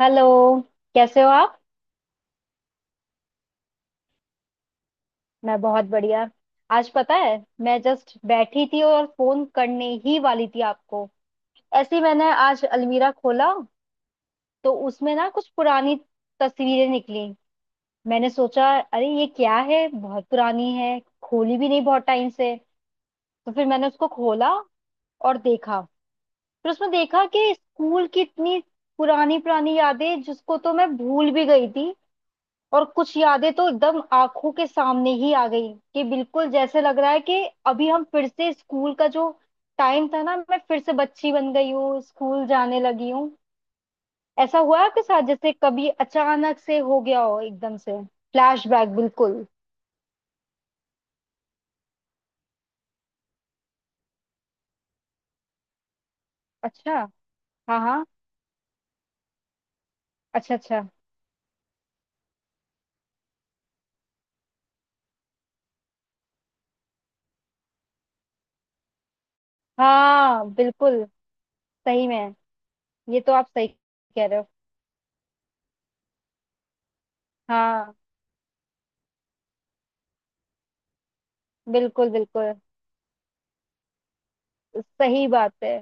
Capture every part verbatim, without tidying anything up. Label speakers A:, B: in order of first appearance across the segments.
A: Hello. कैसे हो आप। मैं बहुत बढ़िया। आज पता है, मैं जस्ट बैठी थी और फोन करने ही वाली थी आपको। ऐसे ही मैंने आज अलमीरा खोला, तो उसमें ना कुछ पुरानी तस्वीरें निकली। मैंने सोचा, अरे ये क्या है, बहुत पुरानी है, खोली भी नहीं बहुत टाइम से। तो फिर मैंने उसको खोला और देखा। फिर उसमें देखा कि स्कूल की इतनी पुरानी पुरानी यादें जिसको तो मैं भूल भी गई थी। और कुछ यादें तो एकदम आंखों के सामने ही आ गई कि बिल्कुल जैसे लग रहा है कि अभी हम फिर से स्कूल का जो टाइम था ना, मैं फिर से बच्ची बन गई हूँ, स्कूल जाने लगी हूँ। ऐसा हुआ है आपके साथ, जैसे कभी अचानक से हो गया हो एकदम से, फ्लैशबैक बिल्कुल। अच्छा। हाँ हाँ। अच्छा अच्छा। हाँ बिल्कुल, सही में। ये तो आप सही कह रहे हो। हाँ, बिल्कुल बिल्कुल। सही बात है,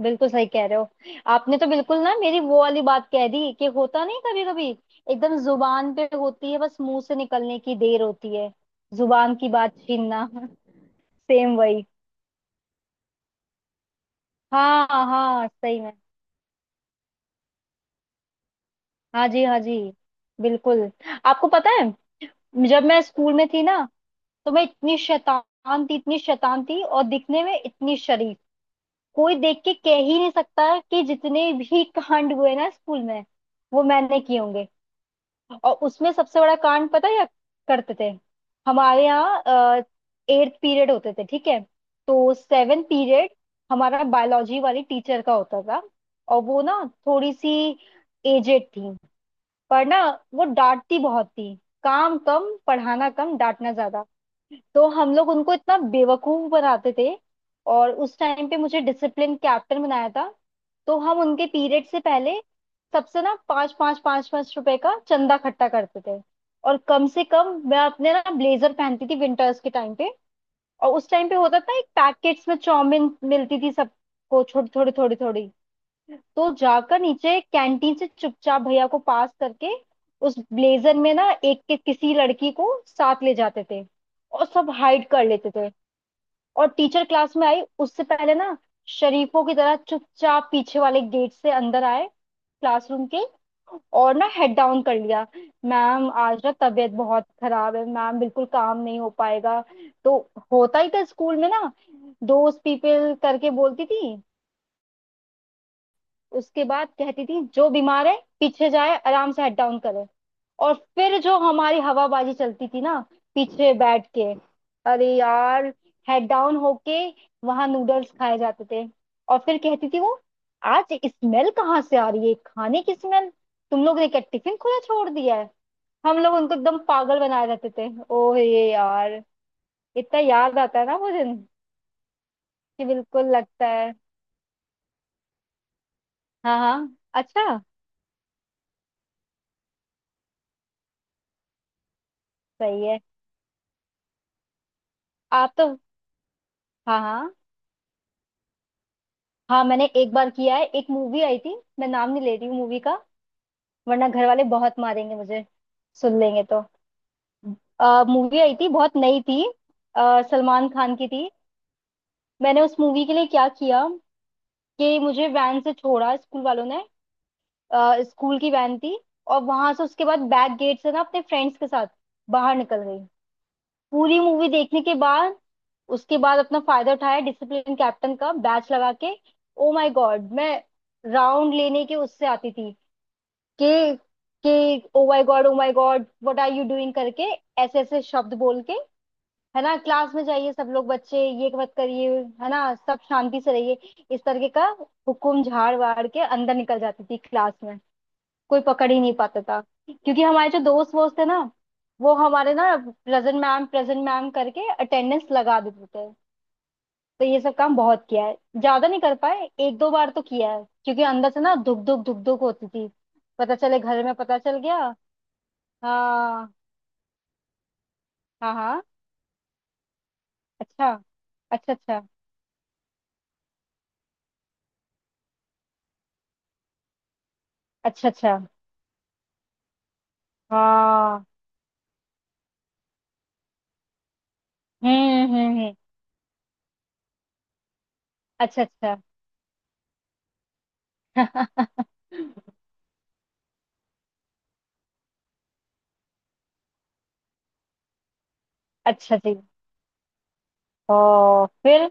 A: बिल्कुल सही कह रहे हो। आपने तो बिल्कुल ना मेरी वो वाली बात कह दी कि होता नहीं कभी कभी, एकदम जुबान पे होती है, बस मुंह से निकलने की देर होती है। जुबान की बात छीनना सेम वही। हाँ हाँ, सही में। हाँ जी हाँ जी, बिल्कुल। आपको पता है, जब मैं स्कूल में थी ना, तो मैं इतनी शैतान थी, इतनी शैतान थी, और दिखने में इतनी शरीफ। कोई देख के कह ही नहीं सकता कि जितने भी कांड हुए ना स्कूल में, वो मैंने किए होंगे। और उसमें सबसे बड़ा कांड पता है या करते थे हमारे यहाँ। एट्थ पीरियड होते थे, ठीक है। तो सेवन पीरियड हमारा बायोलॉजी वाली टीचर का होता था। और वो ना थोड़ी सी एजेड थी, पर ना वो डांटती बहुत थी। काम कम, पढ़ाना कम, डांटना ज्यादा। तो हम लोग उनको इतना बेवकूफ बनाते थे। और उस टाइम पे मुझे डिसिप्लिन कैप्टन बनाया था। तो हम उनके पीरियड से पहले सबसे ना पाँच पाँच पाँच पाँच रुपए का चंदा इकट्ठा करते थे। और कम से कम मैं अपने ना ब्लेजर पहनती थी विंटर्स के टाइम पे। और उस टाइम पे होता था एक पैकेट्स में चाउमीन मिलती थी सबको, छोटी थोड़ी थोड़ी थोड़ी। तो जाकर नीचे कैंटीन से चुपचाप भैया को पास करके उस ब्लेजर में ना एक के किसी लड़की को साथ ले जाते थे और सब हाइड कर लेते थे। और टीचर क्लास में आई उससे पहले ना शरीफों की तरह चुपचाप पीछे वाले गेट से अंदर आए क्लासरूम के। और ना हेड डाउन कर लिया। मैम आज ना तबीयत बहुत खराब है, मैम बिल्कुल काम नहीं हो पाएगा। तो होता ही था स्कूल में ना, दोस्त पीपल करके बोलती थी। उसके बाद कहती थी जो बीमार है पीछे जाए, आराम से हेड डाउन करे। और फिर जो हमारी हवाबाजी चलती थी ना पीछे बैठ के, अरे यार, हेड डाउन होके वहां नूडल्स खाए जाते थे। और फिर कहती थी वो, आज स्मेल कहाँ से आ रही है, खाने की स्मेल, तुम लोग ने क्या टिफिन खुला छोड़ दिया है। हम लोग उनको एकदम पागल बनाए रहते थे। ओह ये यार, इतना याद आता है ना वो दिन, कि बिल्कुल लगता है। हाँ हाँ, अच्छा। सही है। आप तो, हाँ हाँ। हाँ मैंने एक बार किया है। एक मूवी आई थी, मैं नाम नहीं ले रही हूँ मूवी का, वरना घर वाले बहुत मारेंगे मुझे, सुन लेंगे तो। मूवी आई थी, बहुत नई थी, अ, सलमान खान की थी। मैंने उस मूवी के लिए क्या किया कि मुझे वैन से छोड़ा स्कूल वालों ने, अ, स्कूल की वैन थी। और वहां से उसके बाद बैक गेट से ना अपने फ्रेंड्स के साथ बाहर निकल गई, पूरी मूवी देखने के बाद। उसके बाद अपना फायदा उठाया डिसिप्लिन कैप्टन का बैच लगा के। ओ माय गॉड, मैं राउंड लेने के उससे आती थी कि कि oh my god oh my god what are you doing करके, ऐसे ऐसे शब्द बोल के, है ना, क्लास में जाइए सब लोग, बच्चे ये मत करिए, है ना, सब शांति से रहिए, इस तरीके का हुकुम झाड़ वाड़ के अंदर निकल जाती थी क्लास में। कोई पकड़ ही नहीं पाता था, क्योंकि हमारे जो दोस्त वोस्त थे ना, वो हमारे ना प्रेजेंट मैम प्रेजेंट मैम करके अटेंडेंस लगा देते थे। तो ये सब काम बहुत किया है, ज्यादा नहीं कर पाए, एक दो बार तो किया है, क्योंकि अंदर से ना धुक धुक धुक धुक होती थी, पता चले घर में पता चल गया। हाँ हाँ। हाँ। अच्छा अच्छा अच्छा अच्छा अच्छा। हाँ। हम्म हम्म हम्म, अच्छा अच्छा। अच्छा जी। ओ फिर।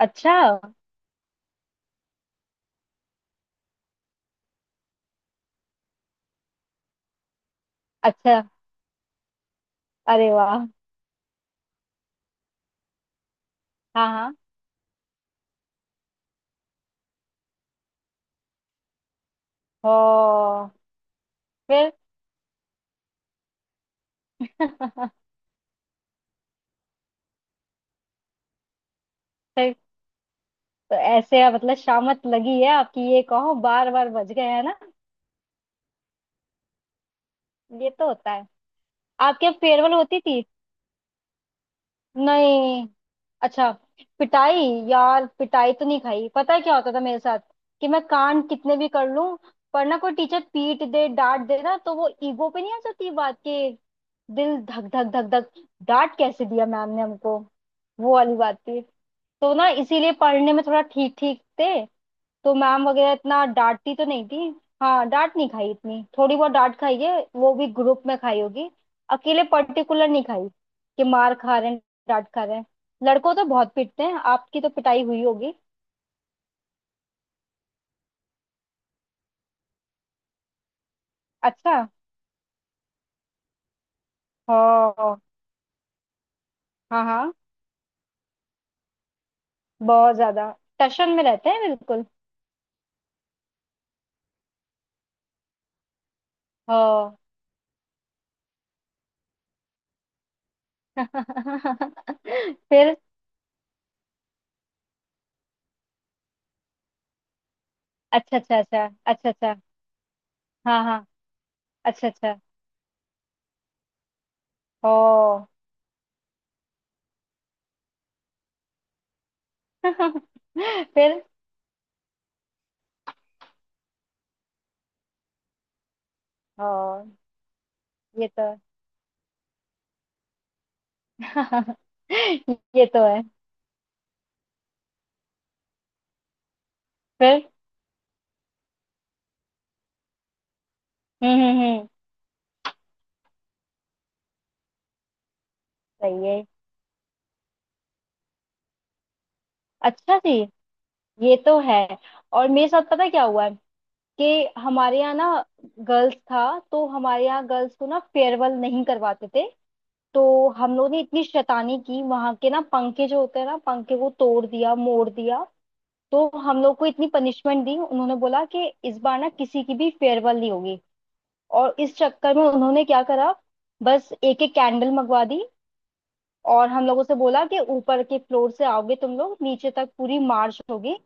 A: अच्छा अच्छा। अरे वाह। हाँ हाँ। ओ फिर। फिर तो ऐसे आप- मतलब शामत लगी है आपकी, ये कहो, बार बार बज गए, है ना। ये तो होता है। आपके फेयरवेल होती थी। नहीं। अच्छा। पिटाई। यार, पिटाई तो नहीं खाई। पता है क्या होता था मेरे साथ, कि मैं कांड कितने भी कर लूं, पर ना कोई टीचर पीट दे डांट दे ना, तो वो ईगो पे नहीं आ जाती बात के, दिल धक धक धक धक, डांट कैसे दिया मैम ने हमको, वो वाली बात थी। तो ना इसीलिए पढ़ने में थोड़ा ठीक ठीक थे, तो मैम वगैरह इतना डांटती तो नहीं थी। हाँ, डांट नहीं खाई इतनी, थोड़ी बहुत डांट खाई है, वो भी ग्रुप में खाई होगी, अकेले पर्टिकुलर नहीं खाई कि मार खा रहे हैं, डांट खा रहे हैं। लड़कों तो बहुत पीटते हैं, आपकी तो पिटाई हुई होगी। अच्छा। हाँ हाँ। हाँ बहुत ज्यादा, टशन में रहते हैं बिल्कुल। हाँ। फिर। अच्छा अच्छा अच्छा अच्छा अच्छा। हाँ हाँ। अच्छा अच्छा। ओ। फिर। ओ, ये तो। ये तो है। फिर। हम्म हम्म हम्म, सही है। अच्छा जी। ये तो है। और मेरे साथ पता है क्या हुआ है, कि हमारे यहाँ ना गर्ल्स था, तो हमारे यहाँ गर्ल्स को ना फेयरवेल नहीं करवाते थे। तो हम लोग ने इतनी शैतानी की वहां के ना पंखे जो होते हैं ना, पंखे को तोड़ दिया मोड़ दिया। तो हम लोग को इतनी पनिशमेंट दी, उन्होंने बोला कि इस बार ना किसी की भी फेयरवेल नहीं होगी। और इस चक्कर में उन्होंने क्या करा, बस एक एक कैंडल मंगवा दी। और हम लोगों से बोला कि ऊपर के फ्लोर से आओगे तुम लोग, नीचे तक पूरी मार्च होगी,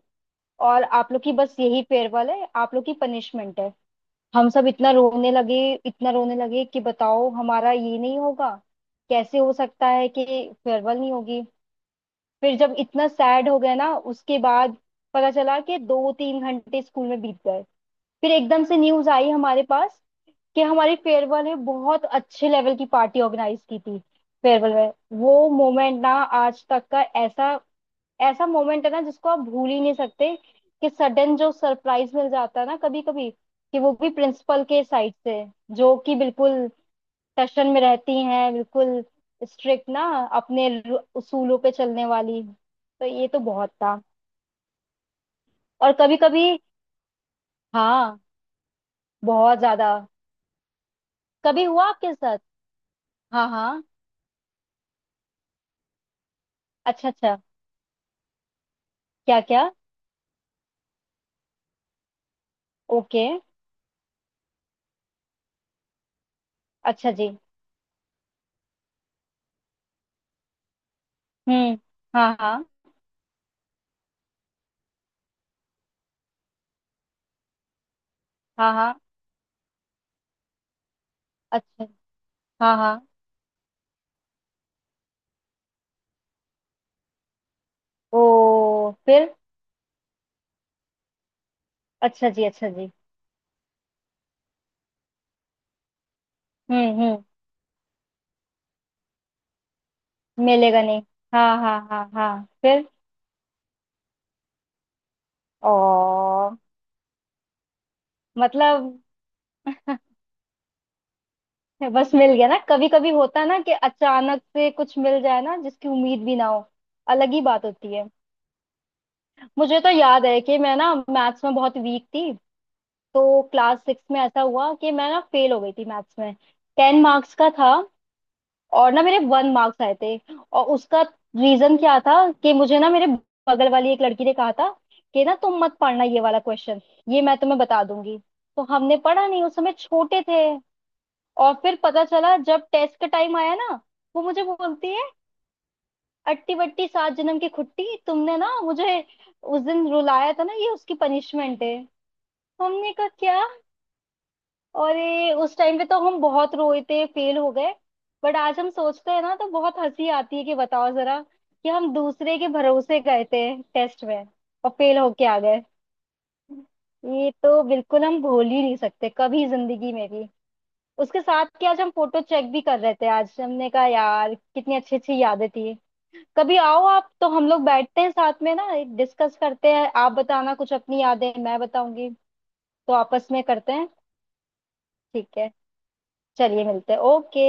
A: और आप लोग की बस यही फेयरवेल है, आप लोग की पनिशमेंट है। हम सब इतना रोने लगे, इतना रोने लगे कि बताओ, हमारा ये नहीं होगा, कैसे हो सकता है कि फेयरवेल नहीं होगी। फिर जब इतना सैड हो गया ना उसके बाद, पता चला कि दो तीन घंटे स्कूल में बीत गए। फिर एकदम से न्यूज आई हमारे पास कि हमारी फेयरवेल में बहुत अच्छे लेवल की पार्टी ऑर्गेनाइज की थी, फेयरवेल में। वो मोमेंट ना, आज तक का ऐसा, ऐसा मोमेंट है ना जिसको आप भूल ही नहीं सकते, कि सडन जो सरप्राइज मिल जाता है ना कभी कभी, कि वो भी प्रिंसिपल के साइड से, जो कि बिल्कुल टशन में रहती हैं, बिल्कुल स्ट्रिक्ट ना, अपने रू- उसूलों पे चलने वाली। तो ये तो बहुत था। और कभी कभी। हाँ बहुत ज्यादा। कभी हुआ आपके साथ। हाँ हाँ। अच्छा अच्छा। क्या क्या। ओके। अच्छा जी। हम्म। हाँ हाँ हाँ हाँ। अच्छा। हाँ हाँ। ओ फिर। अच्छा जी अच्छा जी। हम्म हम्म। मिलेगा नहीं। हाँ हाँ हाँ हाँ फिर। ओ। मतलब। बस मिल गया ना, कभी कभी होता है ना कि अचानक से कुछ मिल जाए ना जिसकी उम्मीद भी ना हो, अलग ही बात होती है। मुझे तो याद है कि मैं ना मैथ्स में बहुत वीक थी। तो क्लास सिक्स में ऐसा हुआ कि मैं ना फेल हो गई थी मैथ्स में। टेन मार्क्स का था, और ना मेरे वन मार्क्स आए थे। और उसका रीजन क्या था, कि मुझे ना मेरे बगल वाली एक लड़की ने कहा था कि ना तुम मत पढ़ना ये वाला क्वेश्चन, ये मैं तुम्हें बता दूंगी। तो हमने पढ़ा नहीं, उस समय छोटे थे। और फिर पता चला जब टेस्ट का टाइम आया ना, वो मुझे बोलती है, अट्टी बट्टी सात जन्म की खुट्टी, तुमने ना मुझे उस दिन रुलाया था ना, ये उसकी पनिशमेंट है। हमने कहा क्या। और ये उस टाइम पे तो हम बहुत रोए थे, फेल हो गए। बट आज हम सोचते हैं ना तो बहुत हंसी आती है, कि बताओ जरा, कि हम दूसरे के भरोसे गए थे टेस्ट में और फेल होके आ गए। ये तो बिल्कुल हम भूल ही नहीं सकते कभी जिंदगी में भी, उसके साथ। कि आज हम फोटो चेक भी कर रहे थे, आज हमने कहा, यार कितनी अच्छी अच्छी यादें थी। कभी आओ आप, तो हम लोग बैठते हैं साथ में ना, डिस्कस करते हैं। आप बताना कुछ अपनी यादें, मैं बताऊंगी, तो आपस में करते हैं। ठीक है, चलिए मिलते हैं, ओके।